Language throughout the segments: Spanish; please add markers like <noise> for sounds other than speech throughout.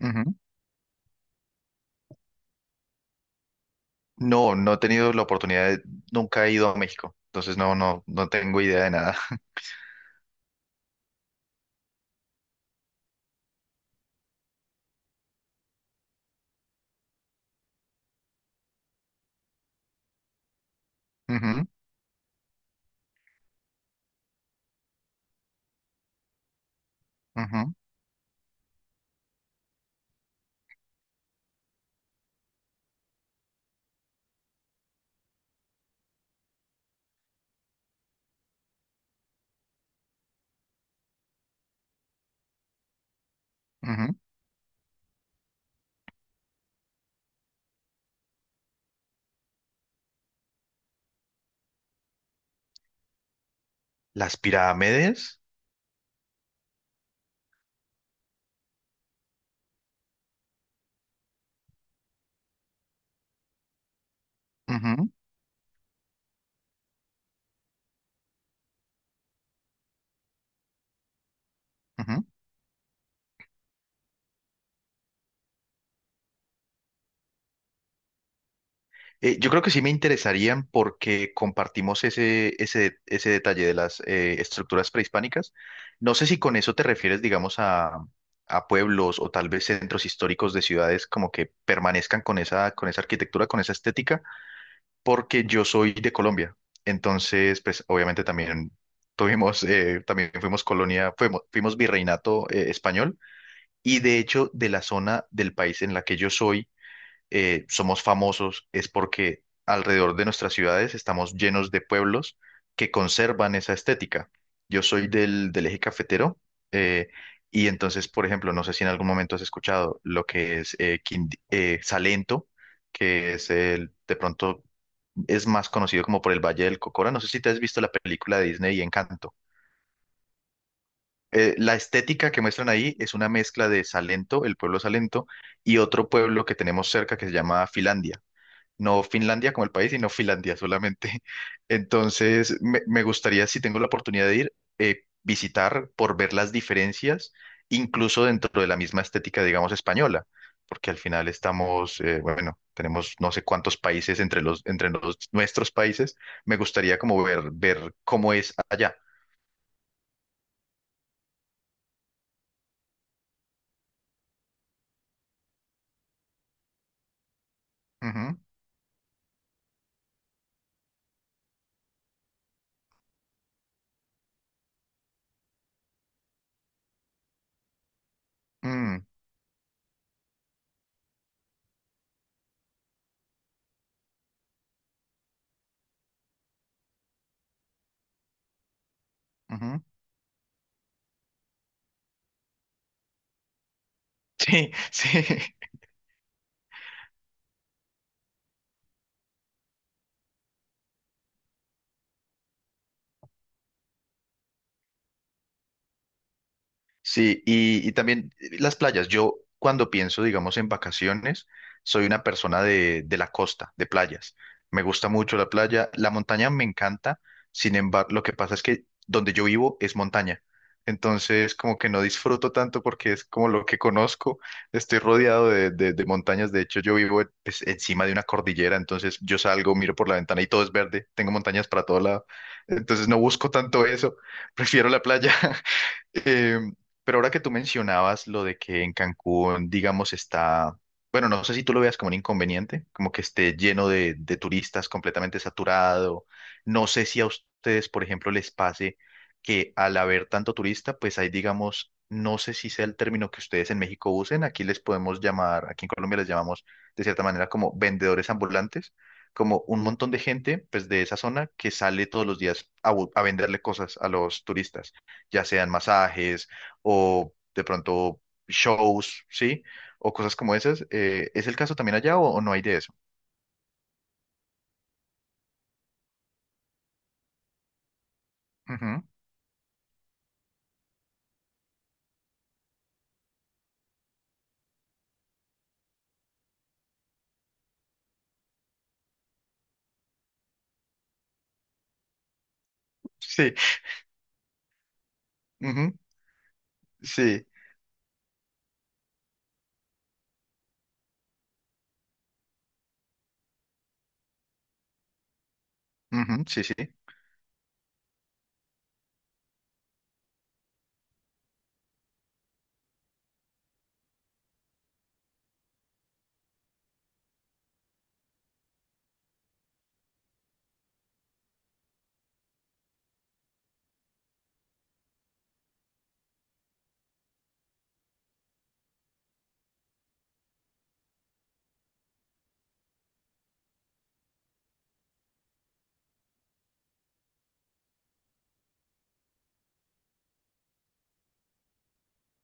Ujú. No, no he tenido la oportunidad Nunca he ido a México, entonces no, no, no tengo idea de nada. <laughs> Ujú, ujú, ujú. Las pirámides. Ujú, ujú. Yo creo que sí me interesarían porque compartimos ese detalle de las estructuras prehispánicas. No sé si con eso te refieres, digamos, a, pueblos o tal vez centros históricos de ciudades como que permanezcan con esa arquitectura, con esa estética porque yo soy de Colombia. Entonces, pues obviamente también tuvimos, también fuimos colonia, fuimos virreinato español y de hecho de la zona del país en la que yo soy, somos famosos es porque alrededor de nuestras ciudades estamos llenos de pueblos que conservan esa estética. Yo soy del eje cafetero eh, y entonces, por ejemplo, no sé si en algún momento has escuchado lo que es Salento, que es el, de pronto es más conocido como por el Valle del Cocora. No sé si te has visto la película de Disney y Encanto. La estética que muestran ahí es una mezcla de Salento, el pueblo Salento, y otro pueblo que tenemos cerca que se llama Filandia no Finlandia como el país, sino Finlandia solamente. <laughs> Entonces, me gustaría, si tengo la oportunidad de ir, visitar por ver las diferencias, incluso dentro de la misma estética, digamos, española, porque al final estamos, bueno, tenemos no sé cuántos países entre los, nuestros países. Me gustaría como ver cómo es allá. Ujú, mm, ujú. Sí, <laughs> sí. Sí, y también las playas. Yo cuando pienso, digamos, en vacaciones, soy una persona de la costa, de playas. Me gusta mucho la playa. La montaña me encanta. Sin embargo, lo que pasa es que donde yo vivo es montaña. Entonces, como que no disfruto tanto porque es como lo que conozco. Estoy rodeado de montañas. De hecho, yo vivo pues, encima de una cordillera. Entonces, yo salgo, miro por la ventana y todo es verde. Tengo montañas para todo lado. Entonces, no busco tanto eso. <laughs> Prefiero la playa. Eh, pero ahora que tú mencionabas lo de que en Cancún, digamos, está, bueno, no sé si tú lo veas como un inconveniente, como que esté lleno de turistas, completamente saturado. No sé si a ustedes, por ejemplo, les pase que al haber tanto turista, pues hay, digamos, no sé si sea el término que ustedes en México usen, aquí les podemos llamar, aquí en Colombia les llamamos de cierta manera como vendedores ambulantes, como un montón de gente, pues de esa zona que sale todos los días a venderle cosas a los turistas ya sean masajes o de pronto shows, ¿sí? O cosas como esas. ¿Es el caso también allá o no hay de eso? Ujú, sí, ujú, sí, ujú, sí, sí,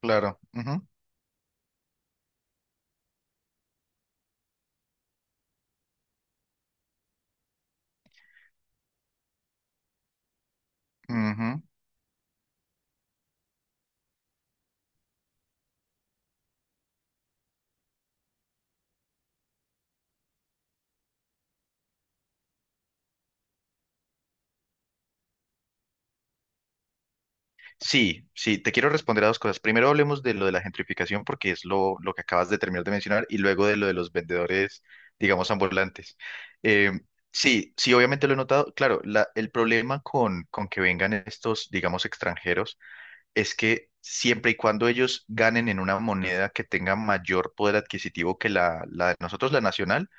claro. Ujú, ujú. Sí, sí, te quiero responder a dos cosas. Primero hablemos de lo de la gentrificación porque es lo que acabas de terminar de mencionar y luego de lo de los vendedores, digamos, ambulantes. Eh, sí, sí, obviamente lo he notado. Claro, el problema con que vengan estos, digamos, extranjeros es que siempre y cuando ellos ganen en una moneda que tenga mayor poder adquisitivo que la de nosotros, la nacional,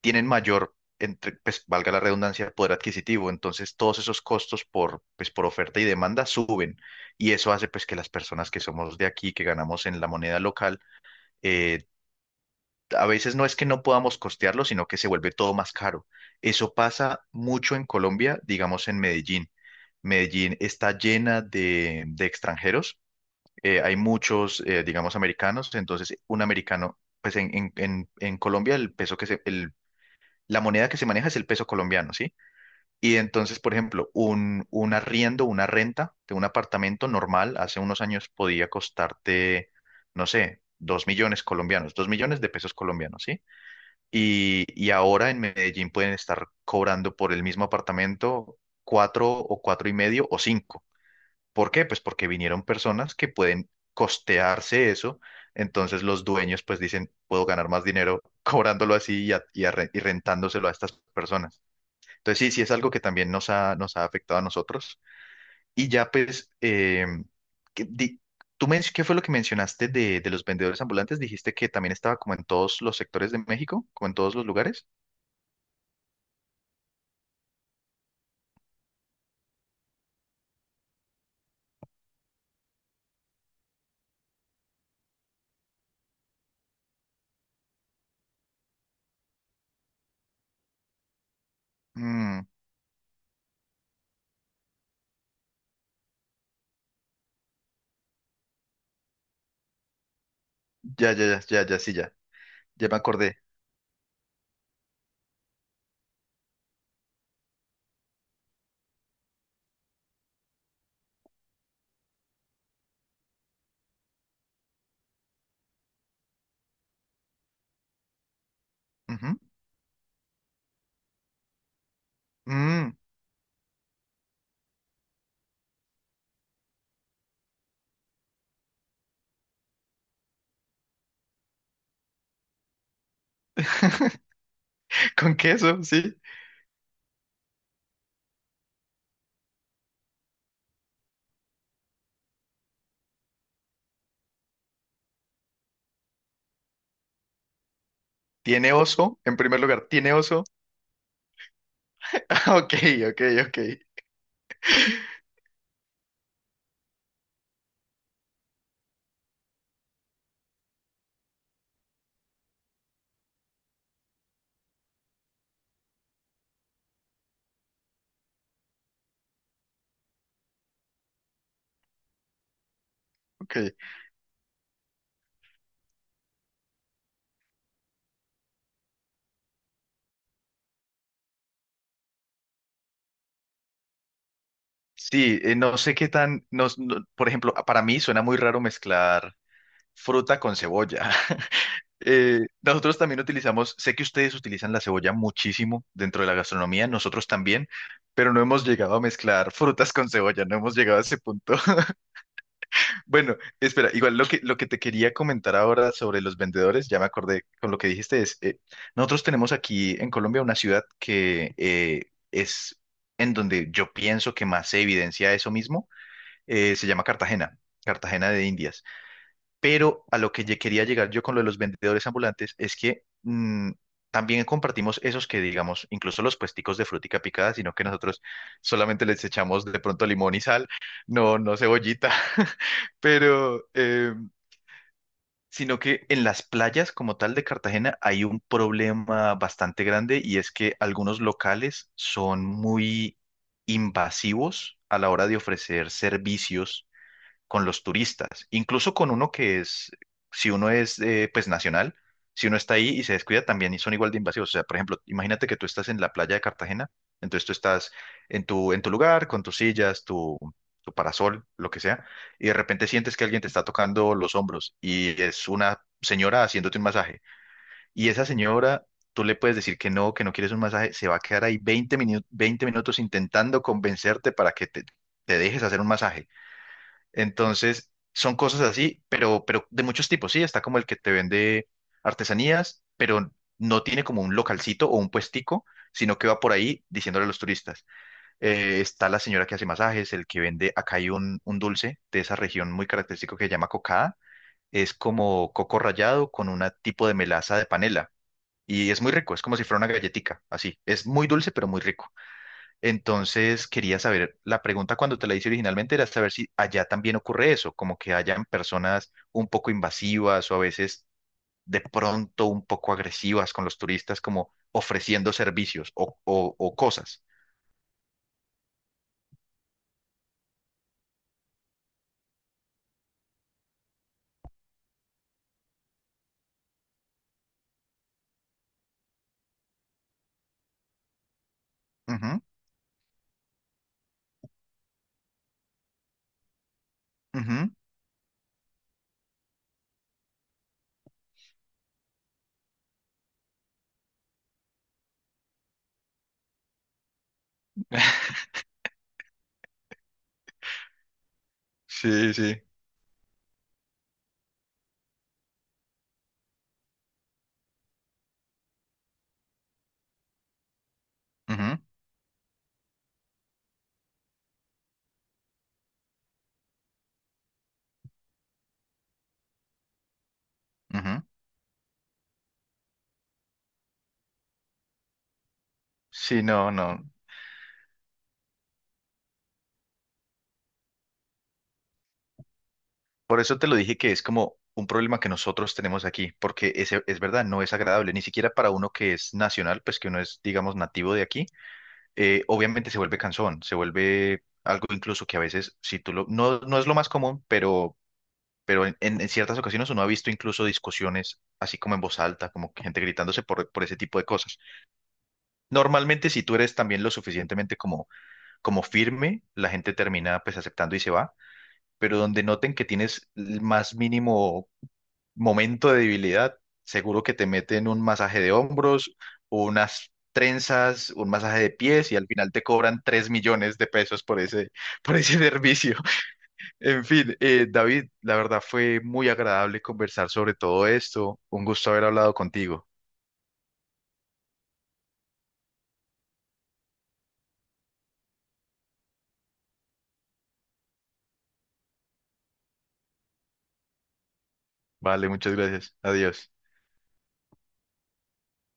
tienen mayor, entre, pues valga la redundancia, poder adquisitivo. Entonces todos esos costos por, pues, por oferta y demanda suben y eso hace pues que las personas que somos de aquí, que ganamos en la moneda local, eh, a veces no es que no podamos costearlo, sino que se vuelve todo más caro. Eso pasa mucho en Colombia, digamos en Medellín. Medellín está llena de extranjeros hay muchos, digamos, americanos, entonces un americano, pues en Colombia el peso la moneda que se maneja es el peso colombiano, ¿sí? Y entonces, por ejemplo, un arriendo, una renta de un apartamento normal hace unos años podía costarte, no sé, 2 millones colombianos, 2 millones de pesos colombianos, ¿sí? Y ahora en Medellín pueden estar cobrando por el mismo apartamento cuatro o cuatro y medio o cinco. ¿Por qué? Pues porque vinieron personas que pueden costearse eso. Entonces los dueños pues dicen, puedo ganar más dinero <laughs> cobrándolo así y rentándoselo a estas personas. Entonces sí, sí es algo que también nos ha afectado a nosotros. Y ya pues, ¿qué, di- ¿qué fue lo que mencionaste de los vendedores ambulantes? Dijiste que también estaba como en todos los sectores de México, como en todos los lugares. Mm, ya, ya, ya, ya, ya, sí, ya. Ya me acordé. Ujú. Mm, <laughs> con queso, sí. ¿Tiene oso? En primer lugar, ¿tiene oso? <laughs> Ah, Ok, ok, ok, ok. Sí, no sé qué tan, por ejemplo, para mí suena muy raro mezclar fruta con cebolla. <laughs> Nosotros también utilizamos, sé que ustedes utilizan la cebolla muchísimo dentro de la gastronomía, nosotros también, pero no hemos llegado a mezclar frutas con cebolla, no hemos llegado a ese punto. <laughs> Bueno, espera, igual lo que te quería comentar ahora sobre los vendedores, ya me acordé con lo que dijiste, es, nosotros tenemos aquí en Colombia una ciudad que es en donde yo pienso que más se evidencia eso mismo, se llama Cartagena, Cartagena de Indias. Pero a lo que quería llegar yo con lo de los vendedores ambulantes es que también compartimos esos que, digamos, incluso los puesticos de frutica picada, sino que nosotros solamente les echamos de pronto limón y sal, no, no cebollita, <laughs> pero, sino que en las playas como tal de Cartagena hay un problema bastante grande y es que algunos locales son muy invasivos a la hora de ofrecer servicios con los turistas, incluso con uno que es, si uno es pues nacional, si uno está ahí y se descuida también y son igual de invasivos. O sea, por ejemplo, imagínate que tú estás en la playa de Cartagena, entonces tú estás en tu lugar, con tus sillas, tu parasol, lo que sea, y de repente sientes que alguien te está tocando los hombros y es una señora haciéndote un masaje. Y esa señora... Tú le puedes decir que no quieres un masaje, se va a quedar ahí 20 minutos intentando convencerte para que te dejes hacer un masaje. Entonces, son cosas así, pero de muchos tipos, sí, está como el que te vende artesanías, pero no tiene como un localcito o un puestico, sino que va por ahí diciéndole a los turistas. Está la señora que hace masajes, el que vende, acá hay un dulce de esa región muy característico que se llama cocada, es como coco rallado con un tipo de melaza de panela, y es muy rico, es como si fuera una galletica, así, es muy dulce, pero muy rico. Entonces quería saber, la pregunta cuando te la hice originalmente era saber si allá también ocurre eso, como que hayan personas un poco invasivas o a veces de pronto un poco agresivas con los turistas, como ofreciendo servicios o cosas. Ujú, ujú. <laughs> Sí, sí. Ujú, ujú. Sí, no, no. Por eso te lo dije que es como un problema que nosotros tenemos aquí, porque ese, es verdad, no es agradable, ni siquiera para uno que es nacional, pues que uno es, digamos, nativo de aquí obviamente se vuelve cansón, se vuelve algo incluso que a veces, no, no es lo más común, pero en ciertas ocasiones uno ha visto incluso discusiones así como en voz alta, como que gente gritándose por, ese tipo de cosas. Normalmente si tú eres también lo suficientemente como firme, la gente termina pues aceptando y se va, pero donde noten que tienes el más mínimo momento de debilidad, seguro que te meten un masaje de hombros, unas trenzas, un masaje de pies y al final te cobran 3 millones de pesos por ese, <laughs> por ese servicio. <laughs> En fin, David, la verdad fue muy agradable conversar sobre todo esto. Un gusto haber hablado contigo. Vale, muchas gracias. Adiós.